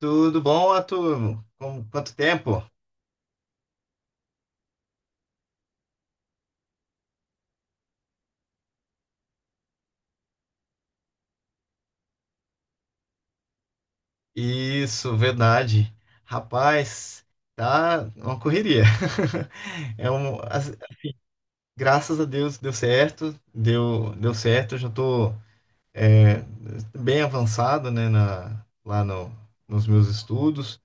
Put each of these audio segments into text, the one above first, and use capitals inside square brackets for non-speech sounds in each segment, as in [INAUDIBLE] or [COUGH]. Tudo bom, Arthur? Com quanto tempo? Isso, verdade. Rapaz, tá uma correria. [LAUGHS] É um, as- Graças a Deus deu certo, deu certo. Já tô é, bem avançado, né, na, lá no, nos meus estudos.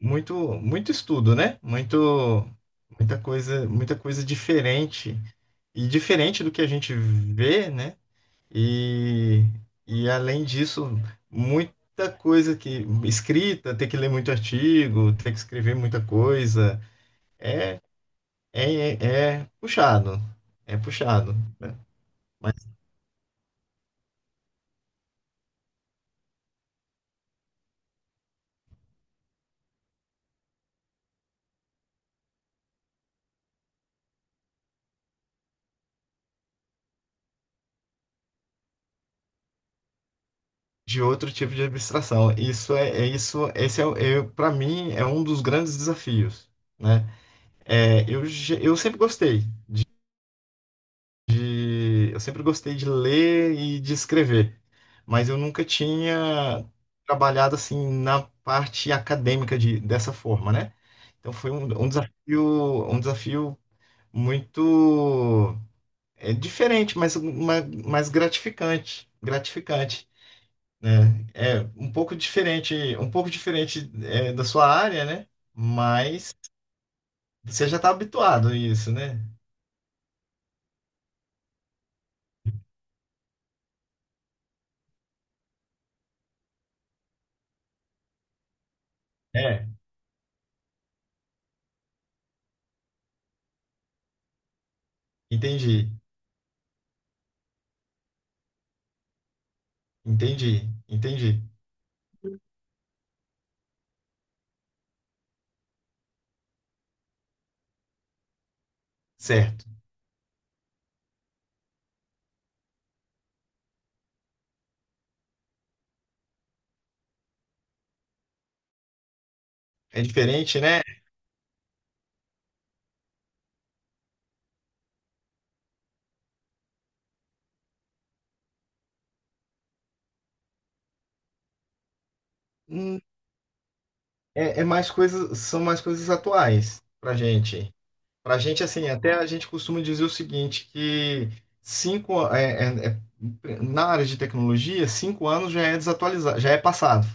Muito estudo, né? Muito, muita coisa diferente e diferente do que a gente vê, né? E, e além disso, muita coisa que escrita, ter que ler muito artigo, ter que escrever muita coisa, é, é puxado, é puxado, né? Mas de outro tipo de abstração. Isso é, é isso, esse é, o- é Para mim é um dos grandes desafios, né? É, eu, ge- eu sempre gostei eu sempre gostei de ler e de escrever, mas eu nunca tinha trabalhado assim na parte acadêmica dessa forma, né? Então foi um desafio muito diferente, mas mais gratificante, gratificante, né? É um pouco diferente da sua área, né? Mas você já está habituado a isso, né? É, entendi, entendi, entendi. Certo. É diferente, né? Hum, é, é mais coisas, são mais coisas atuais pra gente. Pra gente, assim, até a gente costuma dizer o seguinte, que cinco, é, é- é- na área de tecnologia, cinco anos já é desatualizado, já é passado.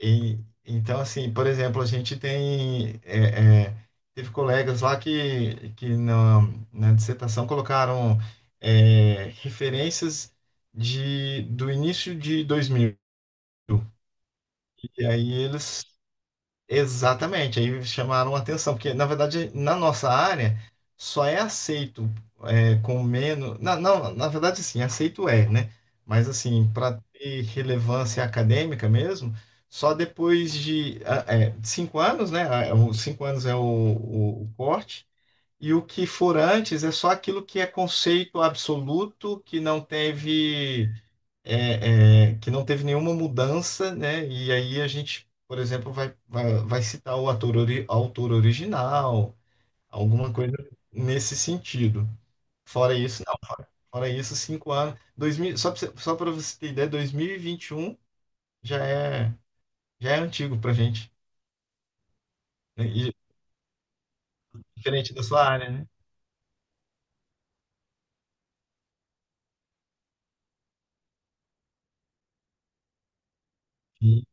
E então, assim, por exemplo, a gente tem, teve colegas lá que na dissertação colocaram, é, referências de, do início de dois mil. E aí eles... Exatamente, aí chamaram a atenção, porque na verdade na nossa área só é aceito é, com menos. Não, não, na verdade sim, aceito é, né? Mas assim, para ter relevância acadêmica mesmo, só depois de ah, é, de cinco anos, né? Ah, os cinco anos é o corte, e o que for antes é só aquilo que é conceito absoluto, que não teve que não teve nenhuma mudança, né? E aí a gente, por exemplo, vai citar o ator, autor original, alguma coisa nesse sentido. Fora isso, não. Fora isso, cinco anos. 2000, só para você ter ideia, dois mil e vinte e um já é, já é antigo para gente, né? E diferente da sua área, né? E,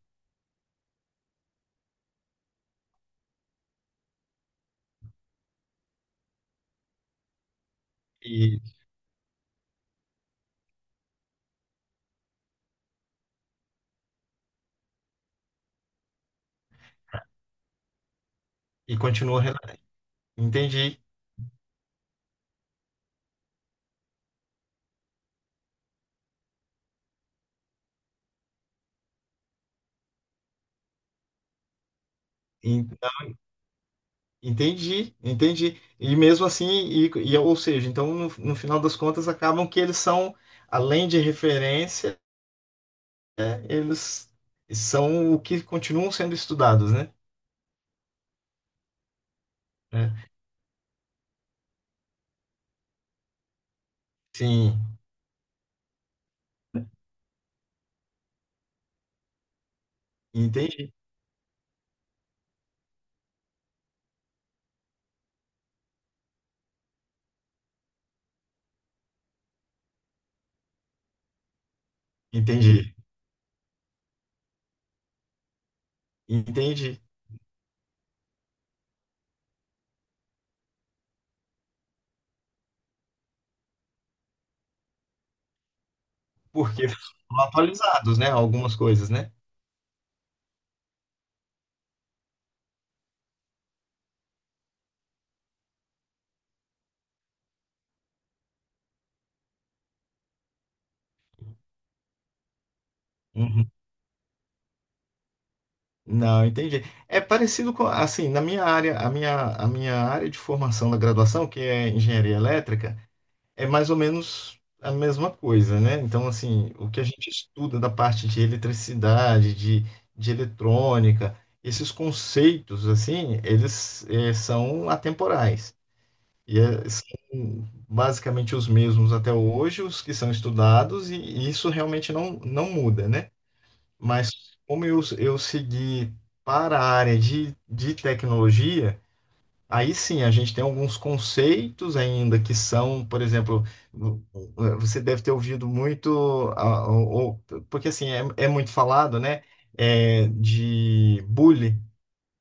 e, e continua. Entendi. Entendi, entendi. E mesmo assim, ou seja, então no final das contas acabam que eles são, além de referência, né, eles são o que continuam sendo estudados, né? É. Sim, entendi, entendi, entendi. Porque foram atualizados, né? Algumas coisas, né? Uhum. Não, entendi. É parecido com, assim, na minha área, a minha área de formação da graduação, que é engenharia elétrica, é mais ou menos a mesma coisa, né? Então, assim, o que a gente estuda da parte de eletricidade, de eletrônica, esses conceitos, assim, eles são atemporais. E são basicamente os mesmos até hoje, os que são estudados, e isso realmente não muda, né? Mas como eu segui para a área de tecnologia, aí sim, a gente tem alguns conceitos ainda que são, por exemplo, vo- você deve ter ouvido muito, ah, porque assim, é muito falado, né? É, de Bully,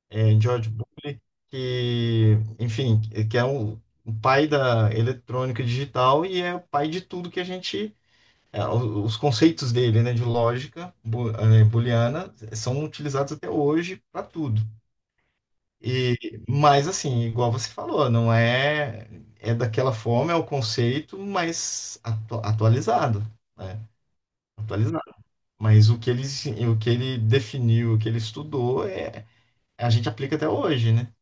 é, George Bully, que, enfim, que é o pai da eletrônica digital e é o pai de tudo que a gente. É, os conceitos dele, né, de lógica booleana são utilizados até hoje para tudo. E mas assim, igual você falou, não é é daquela forma, é o conceito, mas atualizado, né? Atualizado. Mas o que ele, o que ele definiu, o que ele estudou, é, a gente aplica até hoje, né?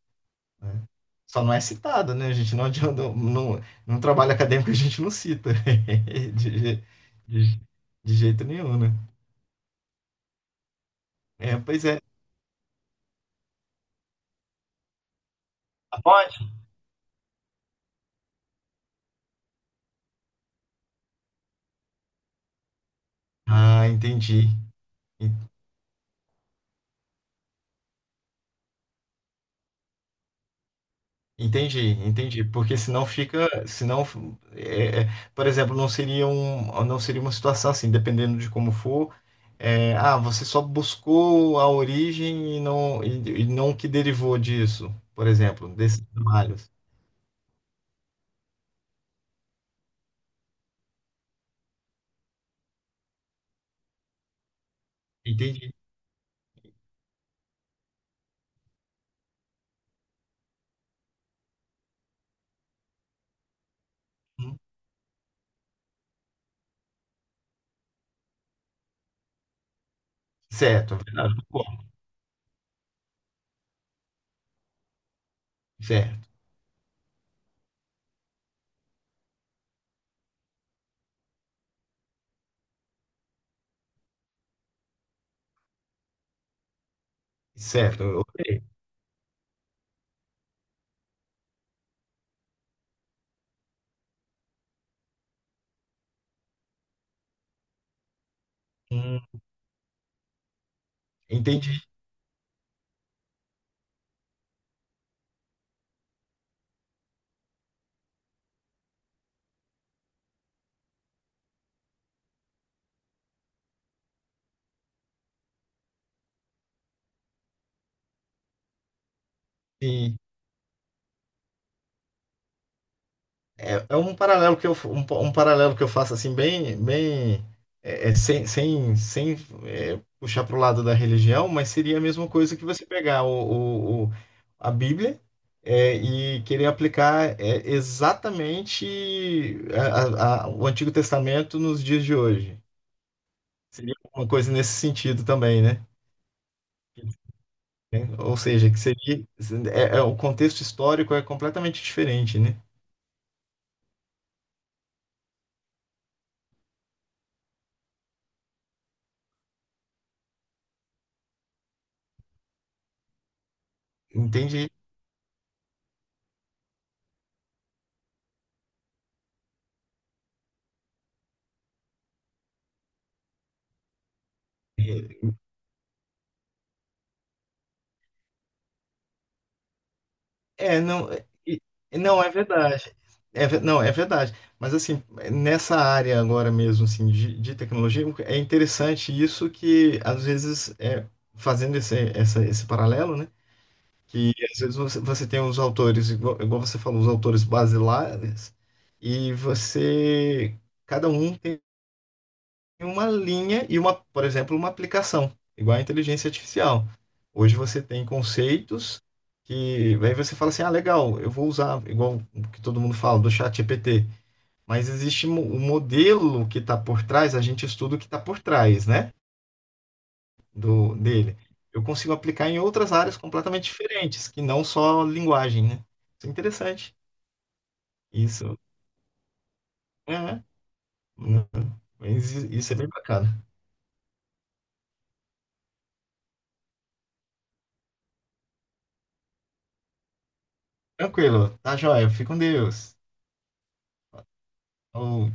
Né? Só não é citado, né? A gente não adianta, não trabalho acadêmico, a gente não cita [LAUGHS] de, je- de, de jeito nenhum, né? É, pois é. Pode? Ah, entendi. Entendi, entendi, porque senão fica, senão, é, é, por exemplo, não seria um, não seria uma situação assim, dependendo de como for, é, ah, você só buscou a origem e e não o que derivou disso, por exemplo, desses trabalhos. Entendi. Hum, Certo, é verdade, concordo. Certo, certo, ok. Hum, entendi, sim. É, é um paralelo que eu, um paralelo que eu faço assim bem, bem é, é, sem, sem, sem é, puxar para o lado da religião, mas seria a mesma coisa que você pegar a Bíblia é, e querer aplicar é, exatamente a- o Antigo Testamento nos dias de hoje. Seria uma coisa nesse sentido também, né? É, ou seja, que seria o contexto histórico é completamente diferente, né? Entende? É, é, e- e não é verdade. É, não, é verdade. Mas assim, nessa área agora mesmo, assim, de tecnologia, é interessante isso que às vezes é, fazendo esse paralelo, né? Que às vezes você, você tem os autores, igual você falou, os autores basilares, e você, cada um tem em uma linha e uma, por exemplo, uma aplicação, igual à inteligência artificial. Hoje você tem conceitos que aí você fala assim, ah, legal, eu vou usar, igual o que todo mundo fala do chat GPT, mas existe o modelo que está por trás, a gente estuda o que está por trás, né, do dele. Eu consigo aplicar em outras áreas completamente diferentes, que não só linguagem, né? Isso é interessante. Isso é, né? Mas isso é bem bacana. Tranquilo, tá joia, fica com Deus. Falou,